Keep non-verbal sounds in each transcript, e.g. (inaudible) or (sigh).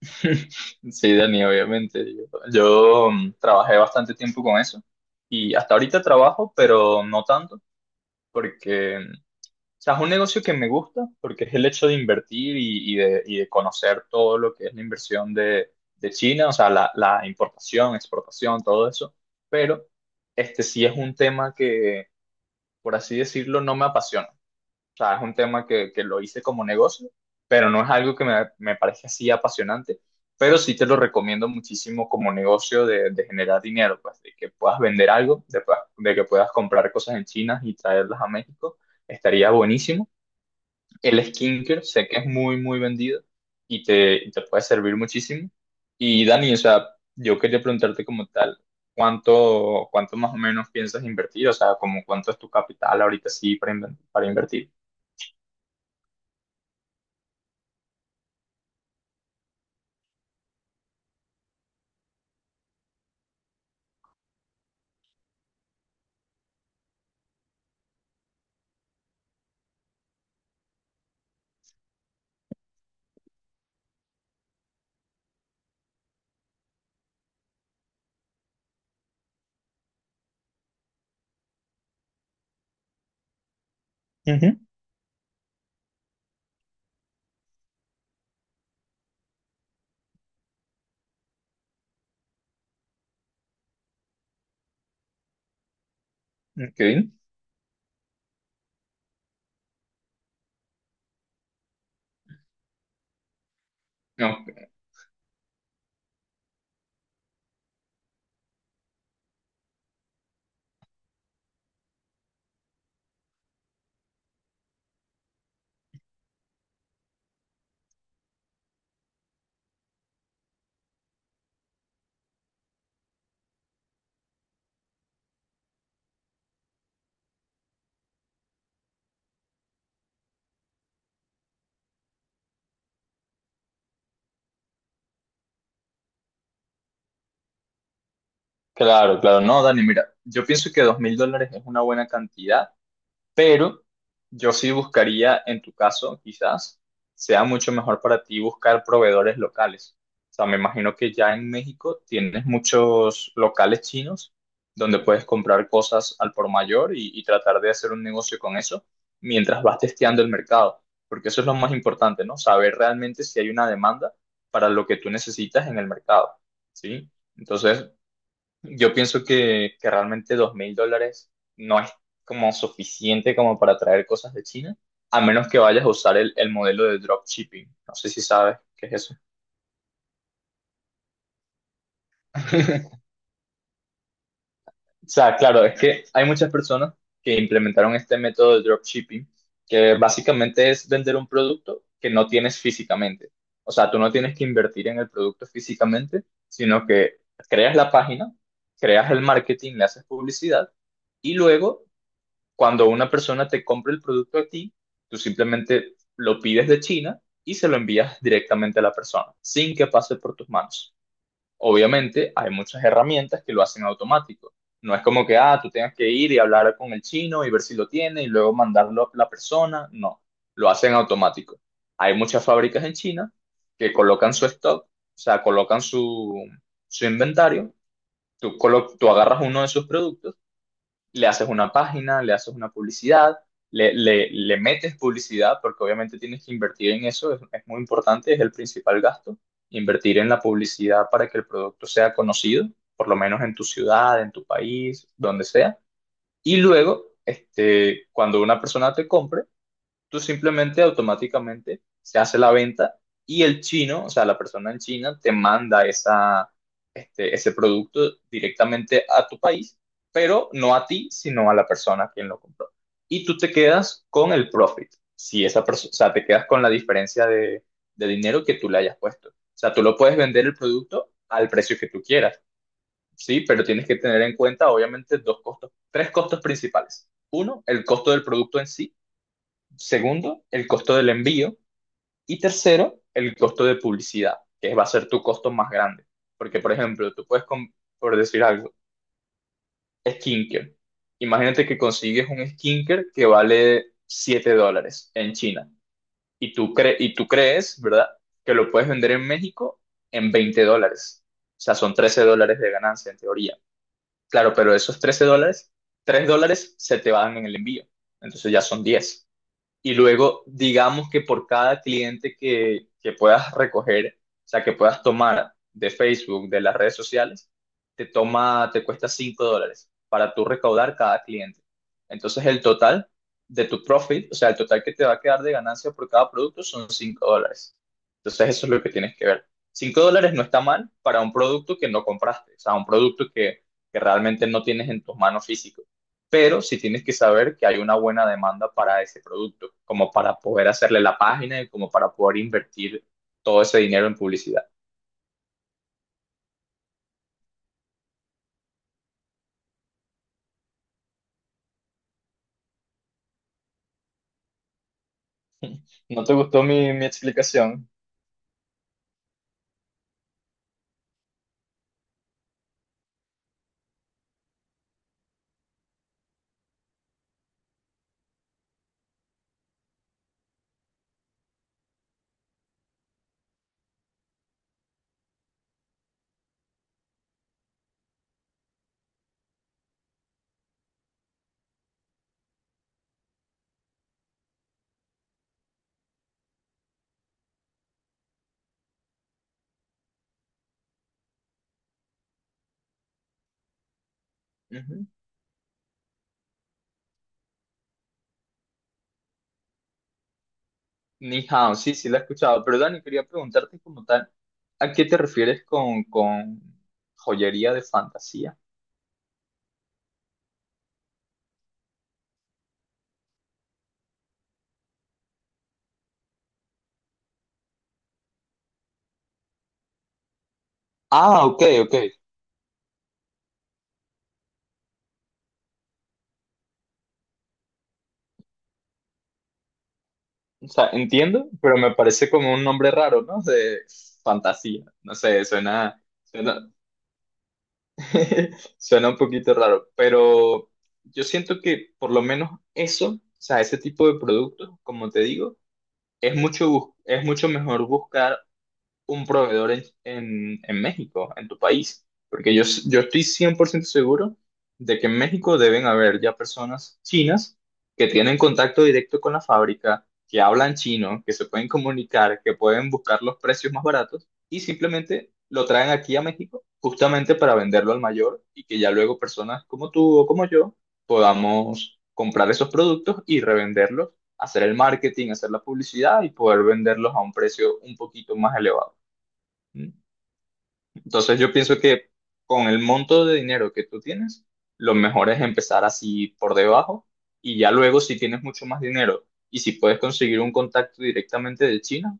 (laughs) Sí, Dani, obviamente. Trabajé bastante tiempo con eso y hasta ahorita trabajo, pero no tanto, porque o sea, es un negocio que me gusta, porque es el hecho de invertir y de conocer todo lo que es la inversión de China, o sea, la importación, exportación, todo eso, pero este sí es un tema que, por así decirlo, no me apasiona. O sea, es un tema que lo hice como negocio, pero no es algo que me parece así apasionante, pero sí te lo recomiendo muchísimo como negocio de generar dinero, pues de que puedas vender algo, de, de que puedas comprar cosas en China y traerlas a México, estaría buenísimo. El skincare sé que es muy, muy vendido y te puede servir muchísimo. Y Dani, o sea, yo quería preguntarte como tal, cuánto más o menos piensas invertir? O sea, como cuánto es tu capital ahorita sí para, para invertir. Ok. No, claro. No, Dani, mira, yo pienso que $2000 es una buena cantidad. Pero yo sí buscaría, en tu caso, quizás sea mucho mejor para ti buscar proveedores locales. O sea, me imagino que ya en México tienes muchos locales chinos donde puedes comprar cosas al por mayor y tratar de hacer un negocio con eso mientras vas testeando el mercado. Porque eso es lo más importante, ¿no? Saber realmente si hay una demanda para lo que tú necesitas en el mercado, ¿sí? Entonces, yo pienso que realmente $2000 no es como suficiente como para traer cosas de China, a menos que vayas a usar el modelo de dropshipping. No sé si sabes qué es eso. (laughs) O sea, claro, es que hay muchas personas que implementaron este método de dropshipping, que básicamente es vender un producto que no tienes físicamente. O sea, tú no tienes que invertir en el producto físicamente, sino que creas la página, creas el marketing, le haces publicidad y luego cuando una persona te compra el producto a ti, tú simplemente lo pides de China y se lo envías directamente a la persona, sin que pase por tus manos. Obviamente, hay muchas herramientas que lo hacen automático. No es como que, ah, tú tengas que ir y hablar con el chino y ver si lo tiene y luego mandarlo a la persona. No, lo hacen automático. Hay muchas fábricas en China que colocan su stock, o sea, colocan su inventario. Tú, tú agarras uno de sus productos, le haces una página, le haces una publicidad, le metes publicidad, porque obviamente tienes que invertir en eso, es muy importante, es el principal gasto, invertir en la publicidad para que el producto sea conocido, por lo menos en tu ciudad, en tu país, donde sea. Y luego, este, cuando una persona te compre, tú simplemente automáticamente se hace la venta y el chino, o sea, la persona en China te manda este, ese producto directamente a tu país, pero no a ti, sino a la persona a quien lo compró. Y tú te quedas con el profit, si esa persona, o sea, te quedas con la diferencia de dinero que tú le hayas puesto. O sea, tú lo puedes vender el producto al precio que tú quieras, sí, pero tienes que tener en cuenta, obviamente, tres costos principales. Uno, el costo del producto en sí. Segundo, el costo del envío. Y tercero, el costo de publicidad, que va a ser tu costo más grande. Porque, por ejemplo, tú puedes, por decir algo, skincare. Imagínate que consigues un skincare que vale $7 en China. Y tú, y tú crees, ¿verdad? Que lo puedes vender en México en $20. O sea, son $13 de ganancia en teoría. Claro, pero esos $13, $3 se te van en el envío. Entonces ya son diez, y luego digamos que por cada cliente que puedas recoger, o sea, que puedas tomar de Facebook, de las redes sociales, te cuesta $5 para tú recaudar cada cliente. Entonces el total de tu profit, o sea, el total que te va a quedar de ganancia por cada producto son $5. Entonces eso es lo que tienes que ver. $5 no está mal para un producto que no compraste, o sea, un producto que realmente no tienes en tus manos físicas, pero sí tienes que saber que hay una buena demanda para ese producto, como para poder hacerle la página y como para poder invertir todo ese dinero en publicidad. ¿No te gustó mi explicación? Ujú. Ni hao, sí, sí la he escuchado, pero Dani, quería preguntarte como tal, ¿a qué te refieres con joyería de fantasía? Ah, ok, ok. O sea, entiendo, pero me parece como un nombre raro, ¿no? De fantasía. No sé, suena, (laughs) suena un poquito raro, pero yo siento que por lo menos eso, o sea, ese tipo de productos, como te digo, es mucho, es mucho mejor buscar un proveedor en México, en tu país, porque yo, yo estoy 100% seguro de que en México deben haber ya personas chinas que tienen contacto directo con la fábrica, que hablan chino, que se pueden comunicar, que pueden buscar los precios más baratos y simplemente lo traen aquí a México justamente para venderlo al mayor y que ya luego personas como tú o como yo podamos comprar esos productos y revenderlos, hacer el marketing, hacer la publicidad y poder venderlos a un precio un poquito más elevado. Entonces yo pienso que con el monto de dinero que tú tienes, lo mejor es empezar así por debajo y ya luego si tienes mucho más dinero y si puedes conseguir un contacto directamente de China,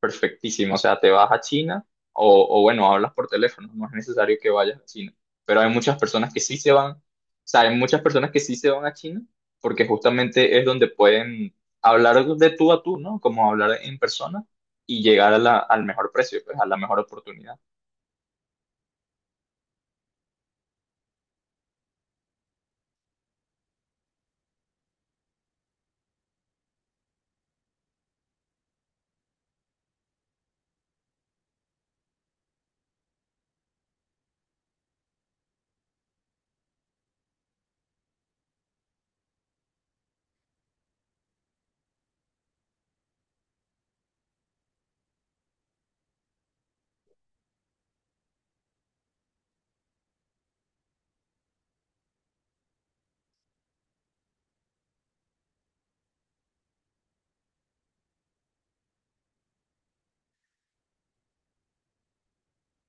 perfectísimo. O sea, te vas a China o bueno, hablas por teléfono, no es necesario que vayas a China. Pero hay muchas personas que sí se van, o sea, hay muchas personas que sí se van a China porque justamente es donde pueden hablar de tú a tú, ¿no? Como hablar en persona y llegar a al mejor precio, pues a la mejor oportunidad.